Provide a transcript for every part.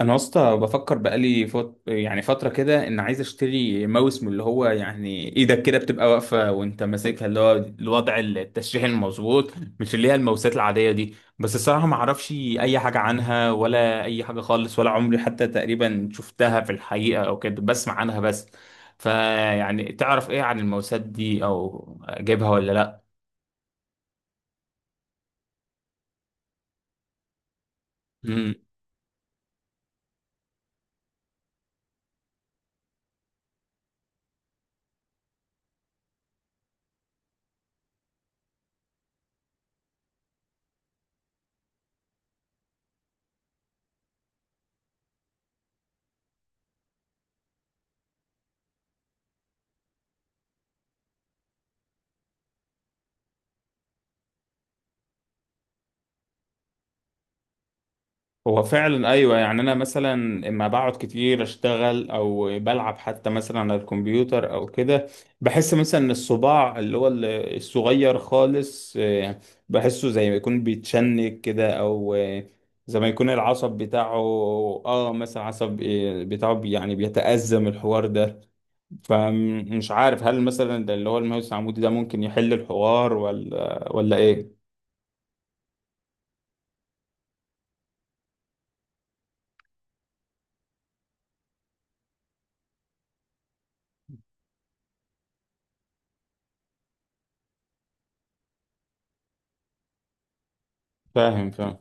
انا يا اسطى بفكر بقالي يعني فتره كده ان عايز اشتري ماوس من اللي هو يعني ايدك كده بتبقى واقفه وانت ماسكها اللي هو الوضع التشريح المظبوط. مش اللي هي الماوسات العاديه دي، بس الصراحه ما اعرفش اي حاجه عنها ولا اي حاجه خالص، ولا عمري حتى تقريبا شفتها في الحقيقه او كده، بسمع عنها بس. فيعني تعرف ايه عن الماوسات دي او اجيبها ولا؟ لا هو فعلا ايوه، يعني انا مثلا اما بقعد كتير اشتغل او بلعب حتى مثلا على الكمبيوتر او كده، بحس مثلا ان الصباع اللي هو الصغير خالص آه، بحسه زي ما يكون بيتشنج كده او آه، زي ما يكون العصب بتاعه. اه مثلا عصب آه، بتاعه يعني بيتأزم الحوار ده. فمش عارف هل مثلا ده اللي هو الماوس العمودي ده ممكن يحل الحوار ولا ايه؟ فاهم فاهم.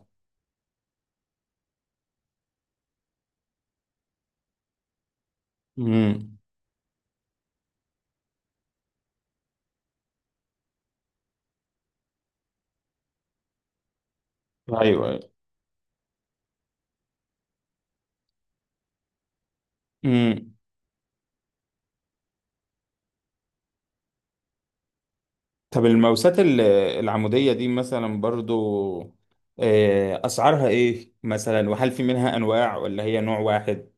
امم ايوه امم. طب الموسات العمودية دي مثلا برضو آه، أسعارها إيه مثلا، وهل في منها أنواع ولا هي نوع واحد؟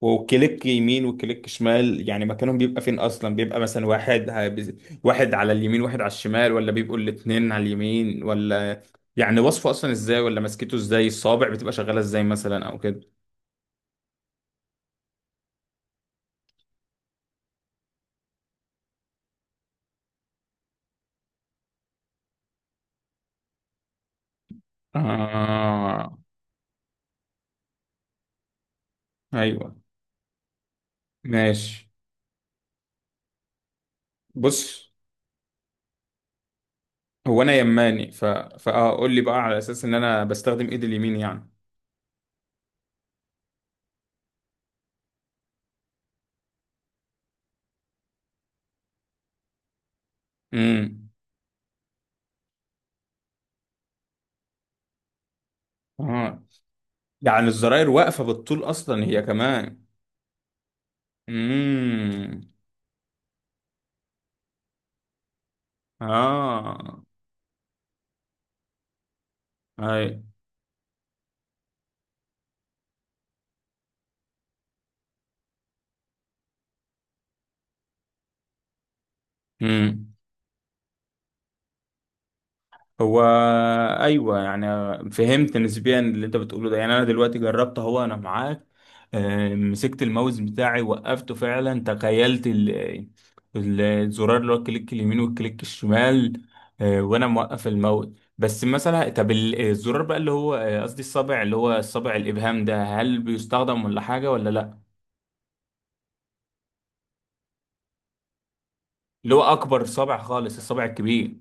وكليك يمين وكليك شمال، يعني مكانهم بيبقى فين أصلا، بيبقى مثلا واحد واحد على اليمين واحد على الشمال، ولا بيبقوا الاتنين على اليمين، ولا يعني وصفه أصلا إزاي، ولا ماسكته إزاي، الصابع بتبقى شغالة إزاي مثلا أو كده؟ آه. أيوه. ماشي. بص هو أنا يماني فأقول لي بقى على أساس إن أنا بستخدم إيدي اليمين يعني. امم. اه. يعني الزراير واقفة بالطول اصلا هي كمان. امم. اه. اي. امم. هو ايوه يعني، فهمت نسبيا اللي انت بتقوله ده. يعني انا دلوقتي جربت اهو، انا معاك آه، مسكت الماوس بتاعي وقفته فعلا، تخيلت الزرار اللي هو الكليك اليمين والكليك الشمال آه، وانا موقف الماوس. بس مثلا طب الزرار بقى اللي هو آه، قصدي الصابع اللي هو الصابع الابهام ده، هل بيستخدم ولا حاجه ولا لا؟ اللي هو اكبر صابع خالص، الصابع الكبير.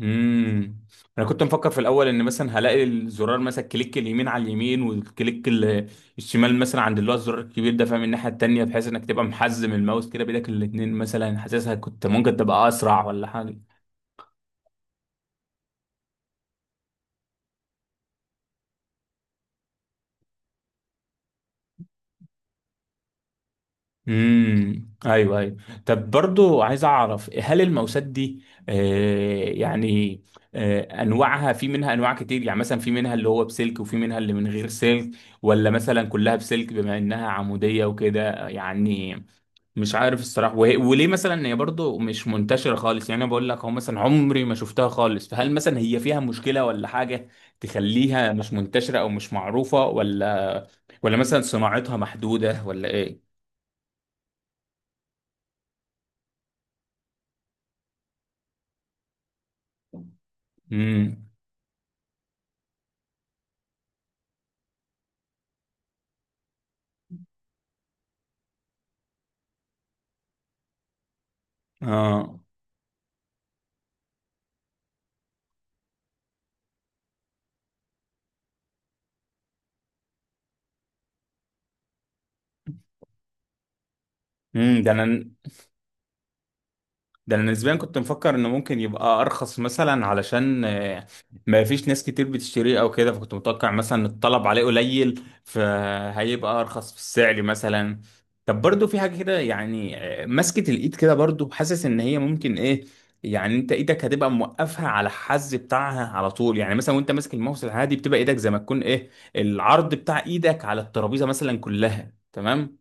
امم. انا كنت مفكر في الاول ان مثلا هلاقي الزرار مثلا كليك اليمين على اليمين، والكليك الشمال مثلا عند اللي هو الزرار الكبير ده، فاهم، الناحيه التانيه، بحيث انك تبقى محزم الماوس كده بايدك الاتنين، مثلا حاسسها كنت ممكن تبقى اسرع ولا حاجه. ايوه ايوه. طب برضو عايز اعرف هل الماوسات دي آه يعني آه انواعها في منها انواع كتير، يعني مثلا في منها اللي هو بسلك وفي منها اللي من غير سلك، ولا مثلا كلها بسلك بما انها عموديه وكده يعني. مش عارف الصراحة، وهي وليه مثلا هي برضو مش منتشرة خالص؟ يعني انا بقول لك اهو، مثلا عمري ما شفتها خالص. فهل مثلا هي فيها مشكلة ولا حاجة تخليها مش منتشرة او مش معروفة، ولا مثلا صناعتها محدودة ولا ايه؟ امم. اه. امم. ده انا نسبيا كنت مفكر انه ممكن يبقى ارخص مثلا، علشان آه، ما فيش ناس كتير بتشتريه او كده، فكنت متوقع مثلا الطلب عليه قليل فهيبقى ارخص في السعر مثلا. طب برضو في حاجة كده يعني آه، مسكة الايد كده برضو، حاسس ان هي ممكن ايه، يعني انت ايدك هتبقى موقفها على الحز بتاعها على طول، يعني مثلا وانت ماسك الماوس العادي بتبقى ايدك زي ما تكون ايه، العرض بتاع ايدك على الترابيزة مثلا كلها تمام.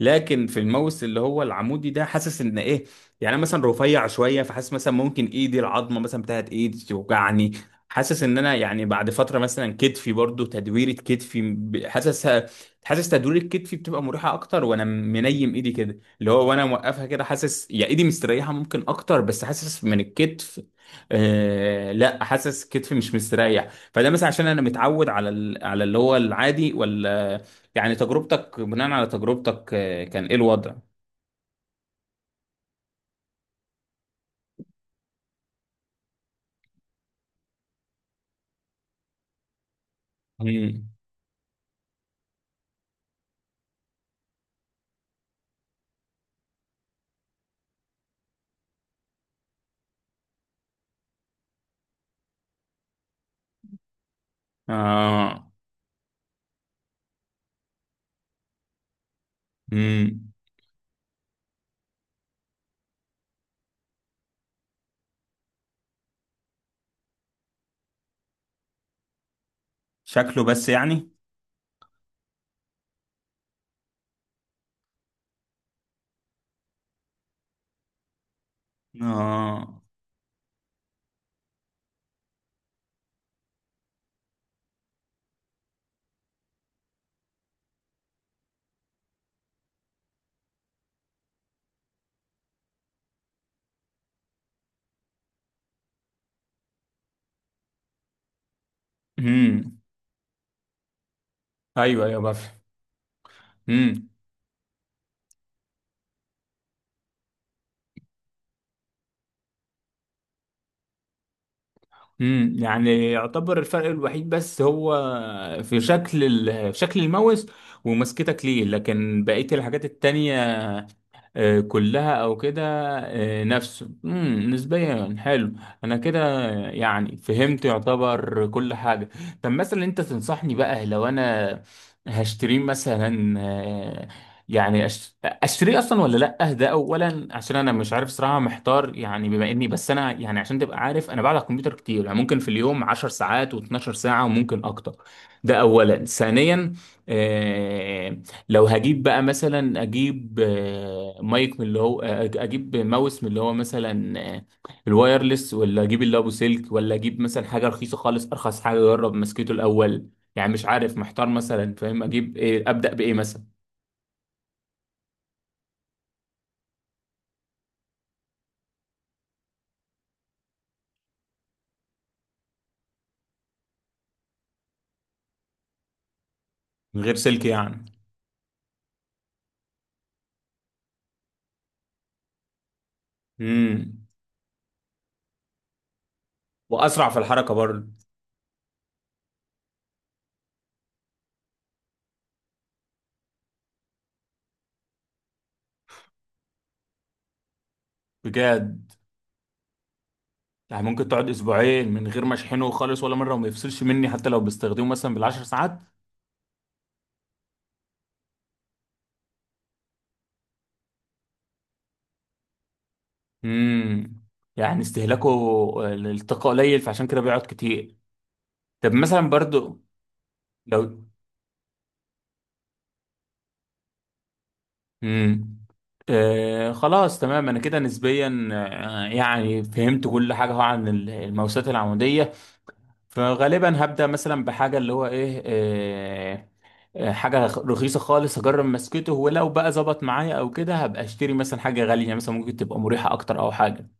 لكن في الماوس اللي هو العمودي ده حاسس ان ايه، يعني انا مثلا رفيع شويه، فحاسس مثلا ممكن ايدي العظمه مثلا بتاعت ايدي توجعني. حاسس ان انا يعني بعد فتره مثلا كتفي برضو تدويره كتفي حاسس، حاسس تدوير كتفي بتبقى مريحه اكتر، وانا منيم ايدي كده اللي هو، وانا موقفها كده حاسس يا ايدي مستريحه ممكن اكتر، بس حاسس من الكتف آه، لا حاسس كتفي مش مستريح. فده مثلا عشان انا متعود على على اللي هو العادي ولا يعني، تجربتك بناء على تجربتك آه، كان ايه الوضع؟ مم. آه. مم. شكله بس يعني؟ آه. مم. ايوه ايوه بفهم. مم. مم. يعني يعتبر الفرق الوحيد بس هو في شكل شكل الماوس ومسكتك ليه، لكن بقية الحاجات التانية آه، كلها او كده آه، نفسه مم، نسبيا حلو. انا كده يعني فهمت، يعتبر كل حاجه. طب مثلا انت تنصحني بقى لو انا هشتريه مثلا آه، يعني اشتريه اصلا ولا لا؟ ده اولا، عشان انا مش عارف صراحه محتار، يعني بما اني بس انا يعني عشان تبقى عارف، انا بقعد على الكمبيوتر كتير يعني، ممكن في اليوم 10 ساعات و12 ساعه وممكن اكتر. ده اولا. ثانيا آه، لو هجيب بقى مثلا اجيب آه، مايك من اللي هو آه، اجيب ماوس من اللي هو مثلا آه، الوايرلس ولا اجيب اللي ابو سلك، ولا اجيب مثلا حاجه رخيصه خالص ارخص حاجه اجرب مسكته الاول. يعني مش عارف محتار مثلا فاهم، اجيب ايه، ابدا بايه مثلا؟ من غير سلك يعني. امم. واسرع في الحركه برضه. بجد. يعني ممكن تقعد اسبوعين من غير ما اشحنه خالص ولا مره وما يفصلش مني حتى لو بستخدمه مثلا بالعشر ساعات؟ امم. يعني استهلاكه للطاقه قليل فعشان كده بيقعد كتير. طب مثلا برضو لو. مم. آه خلاص تمام، انا كده نسبيا آه يعني فهمت كل حاجه هو عن الموسات العموديه. فغالبا هبدا مثلا بحاجه اللي هو ايه آه آه، حاجه رخيصه خالص هجرب مسكته، ولو بقى ظبط معايا او كده هبقى اشتري مثلا حاجه غاليه مثلا ممكن تبقى مريحه اكتر او حاجه